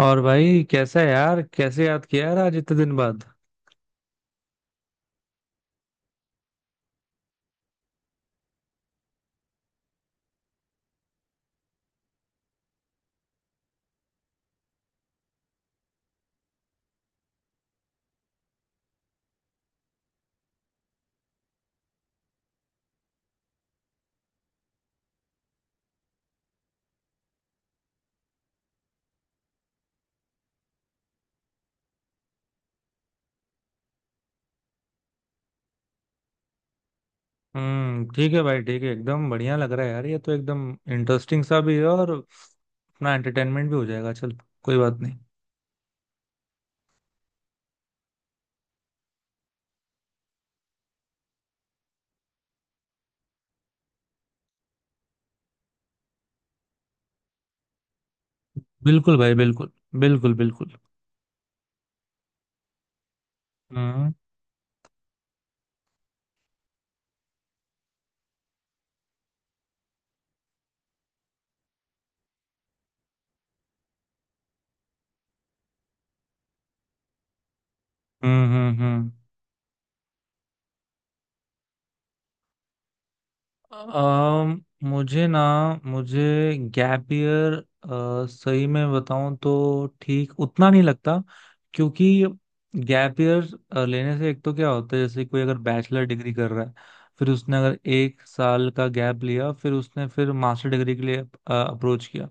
और भाई कैसा है यार? कैसे याद किया यार आज इतने दिन बाद? हम्म, ठीक है भाई ठीक है, एकदम बढ़िया लग रहा है यार, ये तो एकदम इंटरेस्टिंग सा भी है और अपना एंटरटेनमेंट भी हो जाएगा। चल कोई बात नहीं। बिल्कुल भाई बिल्कुल। बिल्कुल बिल्कुल। हम्म हम्म हम्म हम्म। अम, मुझे ना, मुझे गैप ईयर सही में बताऊं तो ठीक उतना नहीं लगता। क्योंकि गैप ईयर लेने से एक तो क्या होता है, जैसे कोई अगर बैचलर डिग्री कर रहा है, फिर उसने अगर एक साल का गैप लिया, फिर उसने फिर मास्टर डिग्री के लिए अप्रोच किया,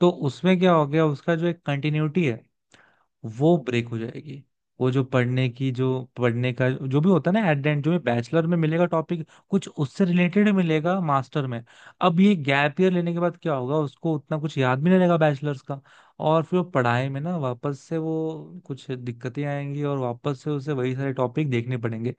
तो उसमें क्या हो गया, उसका जो एक कंटिन्यूटी है वो ब्रेक हो जाएगी। वो जो पढ़ने की जो पढ़ने का जो भी होता है ना एट द एंड, जो बैचलर में मिलेगा टॉपिक कुछ उससे रिलेटेड मिलेगा मास्टर में। अब ये गैप ईयर लेने के बाद क्या होगा, उसको उतना कुछ याद भी नहीं रहेगा बैचलर्स का। और फिर वो पढ़ाई में ना वापस से वो कुछ दिक्कतें आएंगी और वापस से उसे वही सारे टॉपिक देखने पड़ेंगे।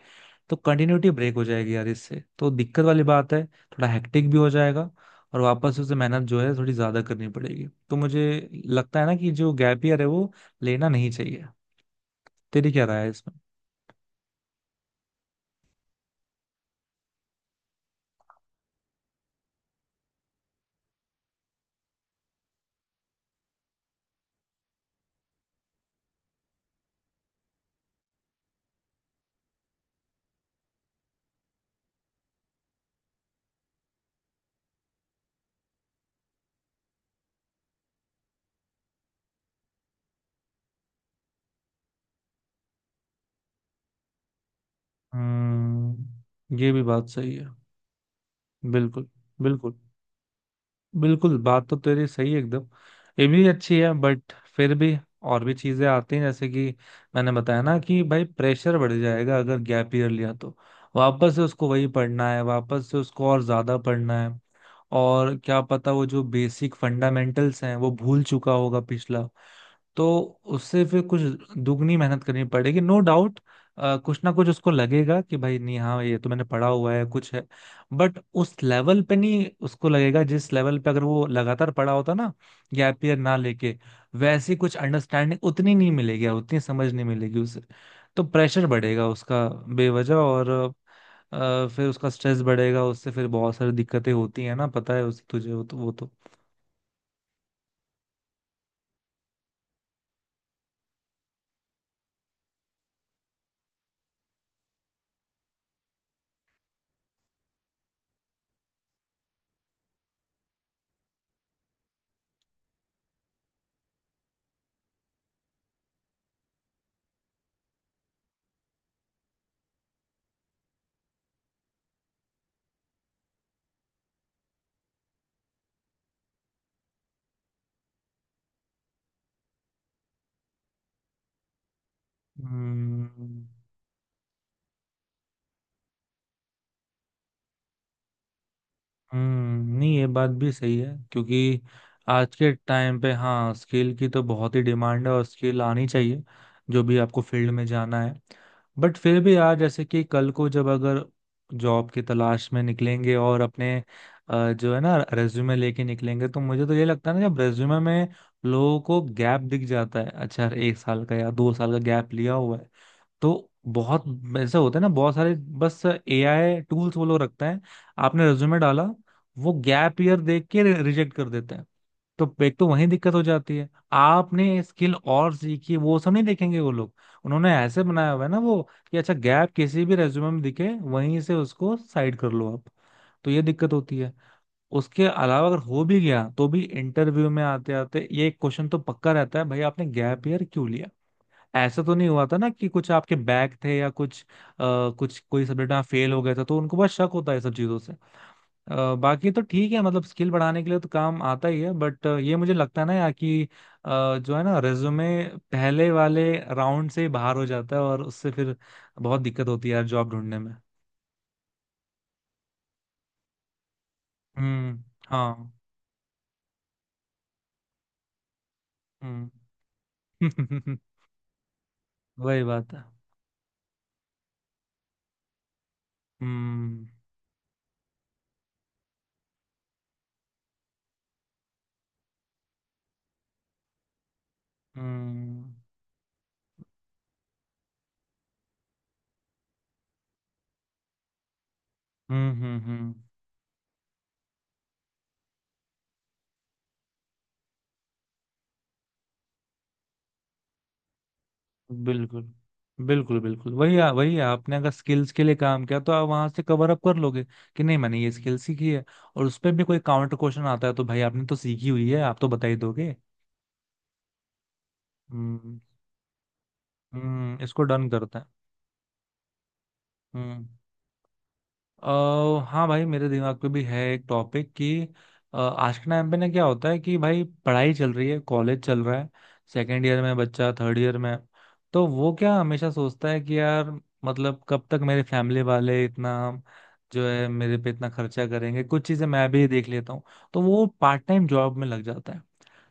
तो कंटिन्यूटी ब्रेक हो जाएगी यार, इससे तो दिक्कत वाली बात है, थोड़ा हेक्टिक भी हो जाएगा और वापस से उसे मेहनत जो है थोड़ी ज्यादा करनी पड़ेगी। तो मुझे लगता है ना कि जो गैप ईयर है वो लेना नहीं चाहिए। तेरी क्या राय है इसमें? हम्म, ये भी बात सही है। बिल्कुल। बिल्कुल बिल्कुल, बात तो तेरी सही है एकदम, ये भी अच्छी है बट फिर भी और भी चीजें आती हैं, जैसे कि मैंने बताया ना कि भाई प्रेशर बढ़ जाएगा अगर गैप ईयर लिया तो। वापस से उसको वही पढ़ना है, वापस से उसको और ज्यादा पढ़ना है। और क्या पता वो जो बेसिक फंडामेंटल्स हैं वो भूल चुका होगा पिछला। तो उससे फिर कुछ दुगनी मेहनत करनी पड़ेगी, नो डाउट। कुछ ना कुछ उसको लगेगा कि भाई नहीं, हाँ ये तो मैंने पढ़ा हुआ है कुछ है, बट उस लेवल पे नहीं उसको लगेगा जिस लेवल पे अगर वो लगातार पढ़ा होता ना, गैप ईयर ना लेके। वैसी कुछ अंडरस्टैंडिंग उतनी नहीं मिलेगी, उतनी समझ नहीं मिलेगी उसे। तो प्रेशर बढ़ेगा उसका बेवजह, और फिर उसका स्ट्रेस बढ़ेगा, उससे फिर बहुत सारी दिक्कतें होती है ना, पता है उस तुझे, वो तो वो तो। हम्म हम्म, नहीं ये बात भी सही है, क्योंकि आज के टाइम पे हाँ स्किल की तो बहुत ही डिमांड है और स्किल आनी चाहिए जो भी आपको फील्ड में जाना है। बट फिर भी यार, जैसे कि कल को जब अगर जॉब की तलाश में निकलेंगे और अपने जो है ना रेज्यूमे लेके निकलेंगे, तो मुझे तो ये लगता है ना जब रेज्यूमे में लोगों को गैप दिख जाता है, अच्छा यार एक साल का या दो साल का गैप लिया हुआ है, तो बहुत ऐसा होता है ना, बहुत सारे बस एआई टूल्स वो लोग रखते हैं, आपने रिज्यूमे डाला वो गैप ईयर देख के रिजेक्ट कर देते हैं। तो एक तो वही दिक्कत हो जाती है, आपने स्किल और सीखी वो सब नहीं देखेंगे वो लोग। उन्होंने ऐसे बनाया हुआ है ना वो, कि अच्छा गैप किसी भी रेज्यूमे में दिखे वहीं से उसको साइड कर लो आप, तो ये दिक्कत होती है। उसके अलावा अगर हो भी गया तो भी इंटरव्यू में आते आते ये एक क्वेश्चन तो पक्का रहता है, भाई आपने गैप ईयर क्यों लिया? ऐसा तो नहीं हुआ था ना कि कुछ आपके बैक थे या कुछ कुछ कोई सब्जेक्ट में फेल हो गए थे? तो उनको बहुत शक होता है ये सब चीजों से। बाकी तो ठीक है, मतलब स्किल बढ़ाने के लिए तो काम आता ही है, बट ये मुझे लगता है ना यार कि जो है ना रेज्यूमे पहले वाले राउंड से ही बाहर हो जाता है, और उससे फिर बहुत दिक्कत होती है यार जॉब ढूंढने में। हम्म। हाँ। हम्म। वही बात है। हम्म हम्म हम्म। बिल्कुल। बिल्कुल बिल्कुल, वही वही है, आपने अगर स्किल्स के लिए काम किया तो आप वहां से कवर अप कर लोगे कि नहीं मैंने ये स्किल सीखी है। और उस पे भी कोई काउंटर क्वेश्चन आता है तो भाई आपने तो सीखी हुई है, आप तो बता ही दोगे। हम्म। हम्म, इसको डन करते हैं। हम्म। अ हाँ भाई मेरे दिमाग पे भी है एक टॉपिक, कि आज के टाइम पे ना क्या होता है कि भाई पढ़ाई चल रही है, कॉलेज चल रहा है, सेकेंड ईयर में बच्चा, थर्ड ईयर में, तो वो क्या हमेशा सोचता है कि यार मतलब कब तक मेरे फैमिली वाले इतना जो है मेरे पे इतना खर्चा करेंगे, कुछ चीजें मैं भी देख लेता हूँ। तो वो पार्ट टाइम जॉब में लग जाता है,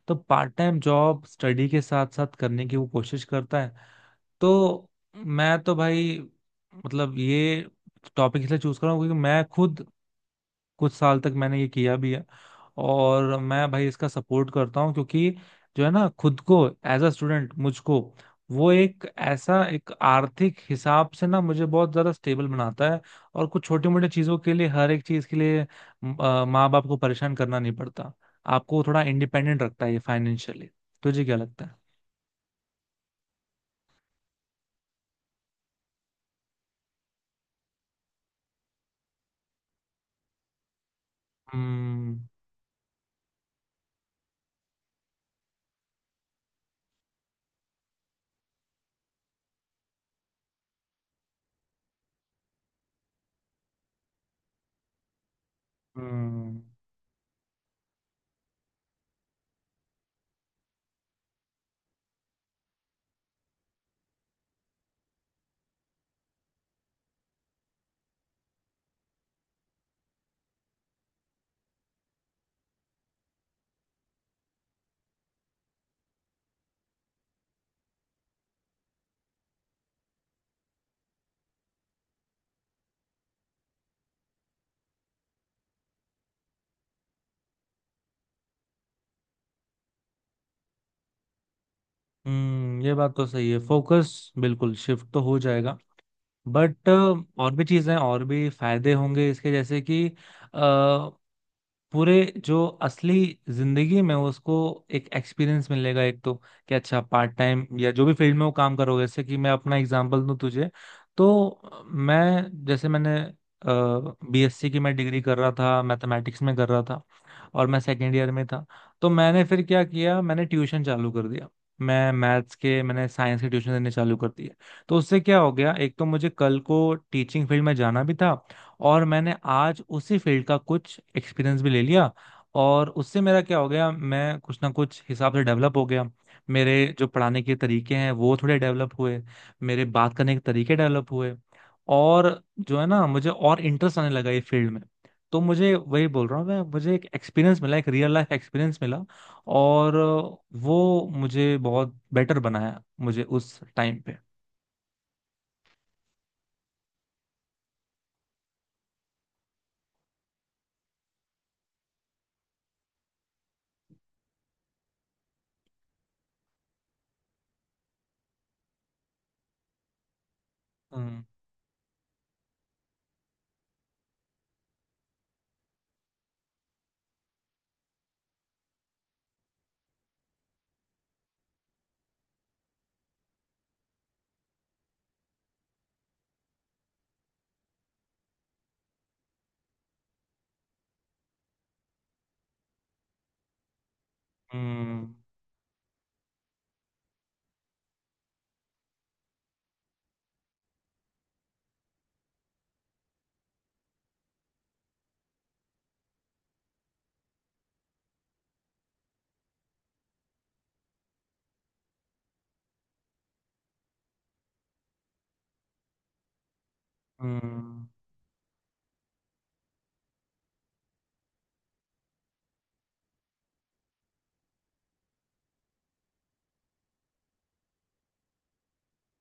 तो पार्ट टाइम जॉब स्टडी के साथ साथ करने की वो कोशिश करता है। तो मैं तो भाई, मतलब ये टॉपिक इसलिए चूज कर रहा हूँ क्योंकि मैं खुद कुछ साल तक मैंने ये किया भी है। और मैं भाई इसका सपोर्ट करता हूँ, क्योंकि जो है ना खुद को एज अ स्टूडेंट मुझको, वो एक ऐसा, एक आर्थिक हिसाब से ना मुझे बहुत ज्यादा स्टेबल बनाता है। और कुछ छोटी मोटी चीजों के लिए, हर एक चीज के लिए माँ बाप को परेशान करना नहीं पड़ता, आपको थोड़ा इंडिपेंडेंट रखता है ये, फाइनेंशियली। तुझे क्या लगता है? हम्म हम्म हम्म, ये बात तो सही है, फोकस बिल्कुल शिफ्ट तो हो जाएगा। बट और भी चीजें, और भी फायदे होंगे इसके, जैसे कि पूरे जो असली जिंदगी में उसको एक एक्सपीरियंस मिलेगा एक तो। कि अच्छा पार्ट टाइम या जो भी फील्ड में वो काम करोगे, जैसे कि मैं अपना एग्जांपल दूं तुझे, तो मैं जैसे मैंने बीएससी की, मैं डिग्री कर रहा था मैथमेटिक्स में कर रहा था, और मैं सेकेंड ईयर में था, तो मैंने फिर क्या किया, मैंने ट्यूशन चालू कर दिया, मैं मैथ्स के, मैंने साइंस के ट्यूशन देने चालू कर दिए। तो उससे क्या हो गया, एक तो मुझे कल को टीचिंग फील्ड में जाना भी था, और मैंने आज उसी फील्ड का कुछ एक्सपीरियंस भी ले लिया। और उससे मेरा क्या हो गया, मैं कुछ ना कुछ हिसाब से डेवलप हो गया। मेरे जो पढ़ाने के तरीके हैं वो थोड़े डेवलप हुए, मेरे बात करने के तरीके डेवलप हुए, और जो है ना मुझे और इंटरेस्ट आने लगा ये फील्ड में। तो मुझे, वही बोल रहा हूँ मैं, मुझे एक एक्सपीरियंस मिला, एक रियल लाइफ एक्सपीरियंस मिला और वो मुझे बहुत बेटर बनाया मुझे उस टाइम पे। हम्म। हम्म हम्म।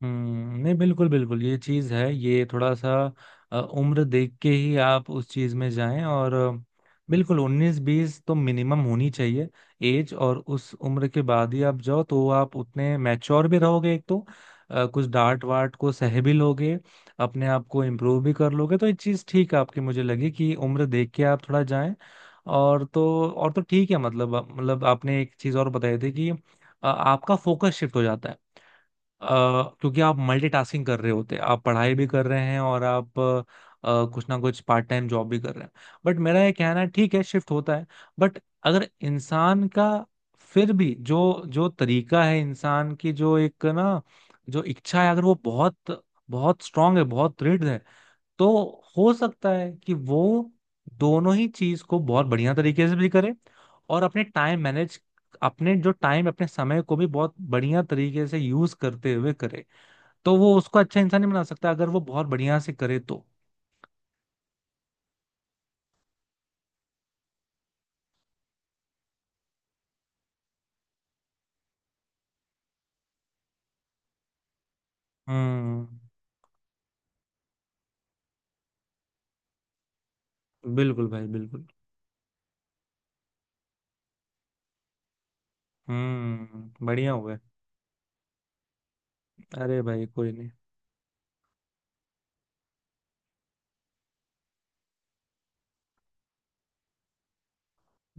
हम्म, नहीं बिल्कुल बिल्कुल, ये चीज है, ये थोड़ा सा उम्र देख के ही आप उस चीज में जाएं। और बिल्कुल 19-20 तो मिनिमम होनी चाहिए एज, और उस उम्र के बाद ही आप जाओ तो आप उतने मैच्योर भी रहोगे एक तो। कुछ डांट वाट को सह भी लोगे, अपने आप को इम्प्रूव भी कर लोगे, तो ये चीज ठीक है आपकी, मुझे लगी कि उम्र देख के आप थोड़ा जाएं। और तो ठीक है मतलब आपने एक चीज और बताई थी कि आपका फोकस शिफ्ट हो जाता है, अ, क्योंकि आप मल्टीटास्किंग कर रहे होते हैं, आप पढ़ाई भी कर रहे हैं और आप कुछ ना कुछ पार्ट टाइम जॉब भी कर रहे हैं। बट मेरा ये कहना है ठीक है शिफ्ट होता है, बट अगर इंसान का फिर भी जो जो तरीका है, इंसान की जो एक ना जो इच्छा है अगर वो बहुत बहुत स्ट्रांग है, बहुत दृढ़ है, तो हो सकता है कि वो दोनों ही चीज को बहुत बढ़िया तरीके से भी करे, और अपने टाइम मैनेज, अपने जो टाइम अपने समय को भी बहुत बढ़िया तरीके से यूज करते हुए करे तो वो उसको अच्छा इंसान नहीं बना सकता अगर वो बहुत बढ़िया से करे तो। हम्म। बिल्कुल भाई बिल्कुल। हम्म, बढ़िया हुआ है। अरे भाई कोई नहीं।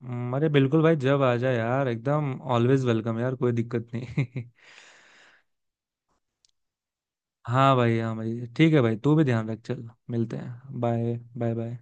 अरे बिल्कुल भाई जब आ जाए यार, एकदम ऑलवेज वेलकम यार, कोई दिक्कत नहीं। हाँ भाई, हाँ भाई ठीक है भाई, तू भी ध्यान रख, चल मिलते हैं। Bye bye bye.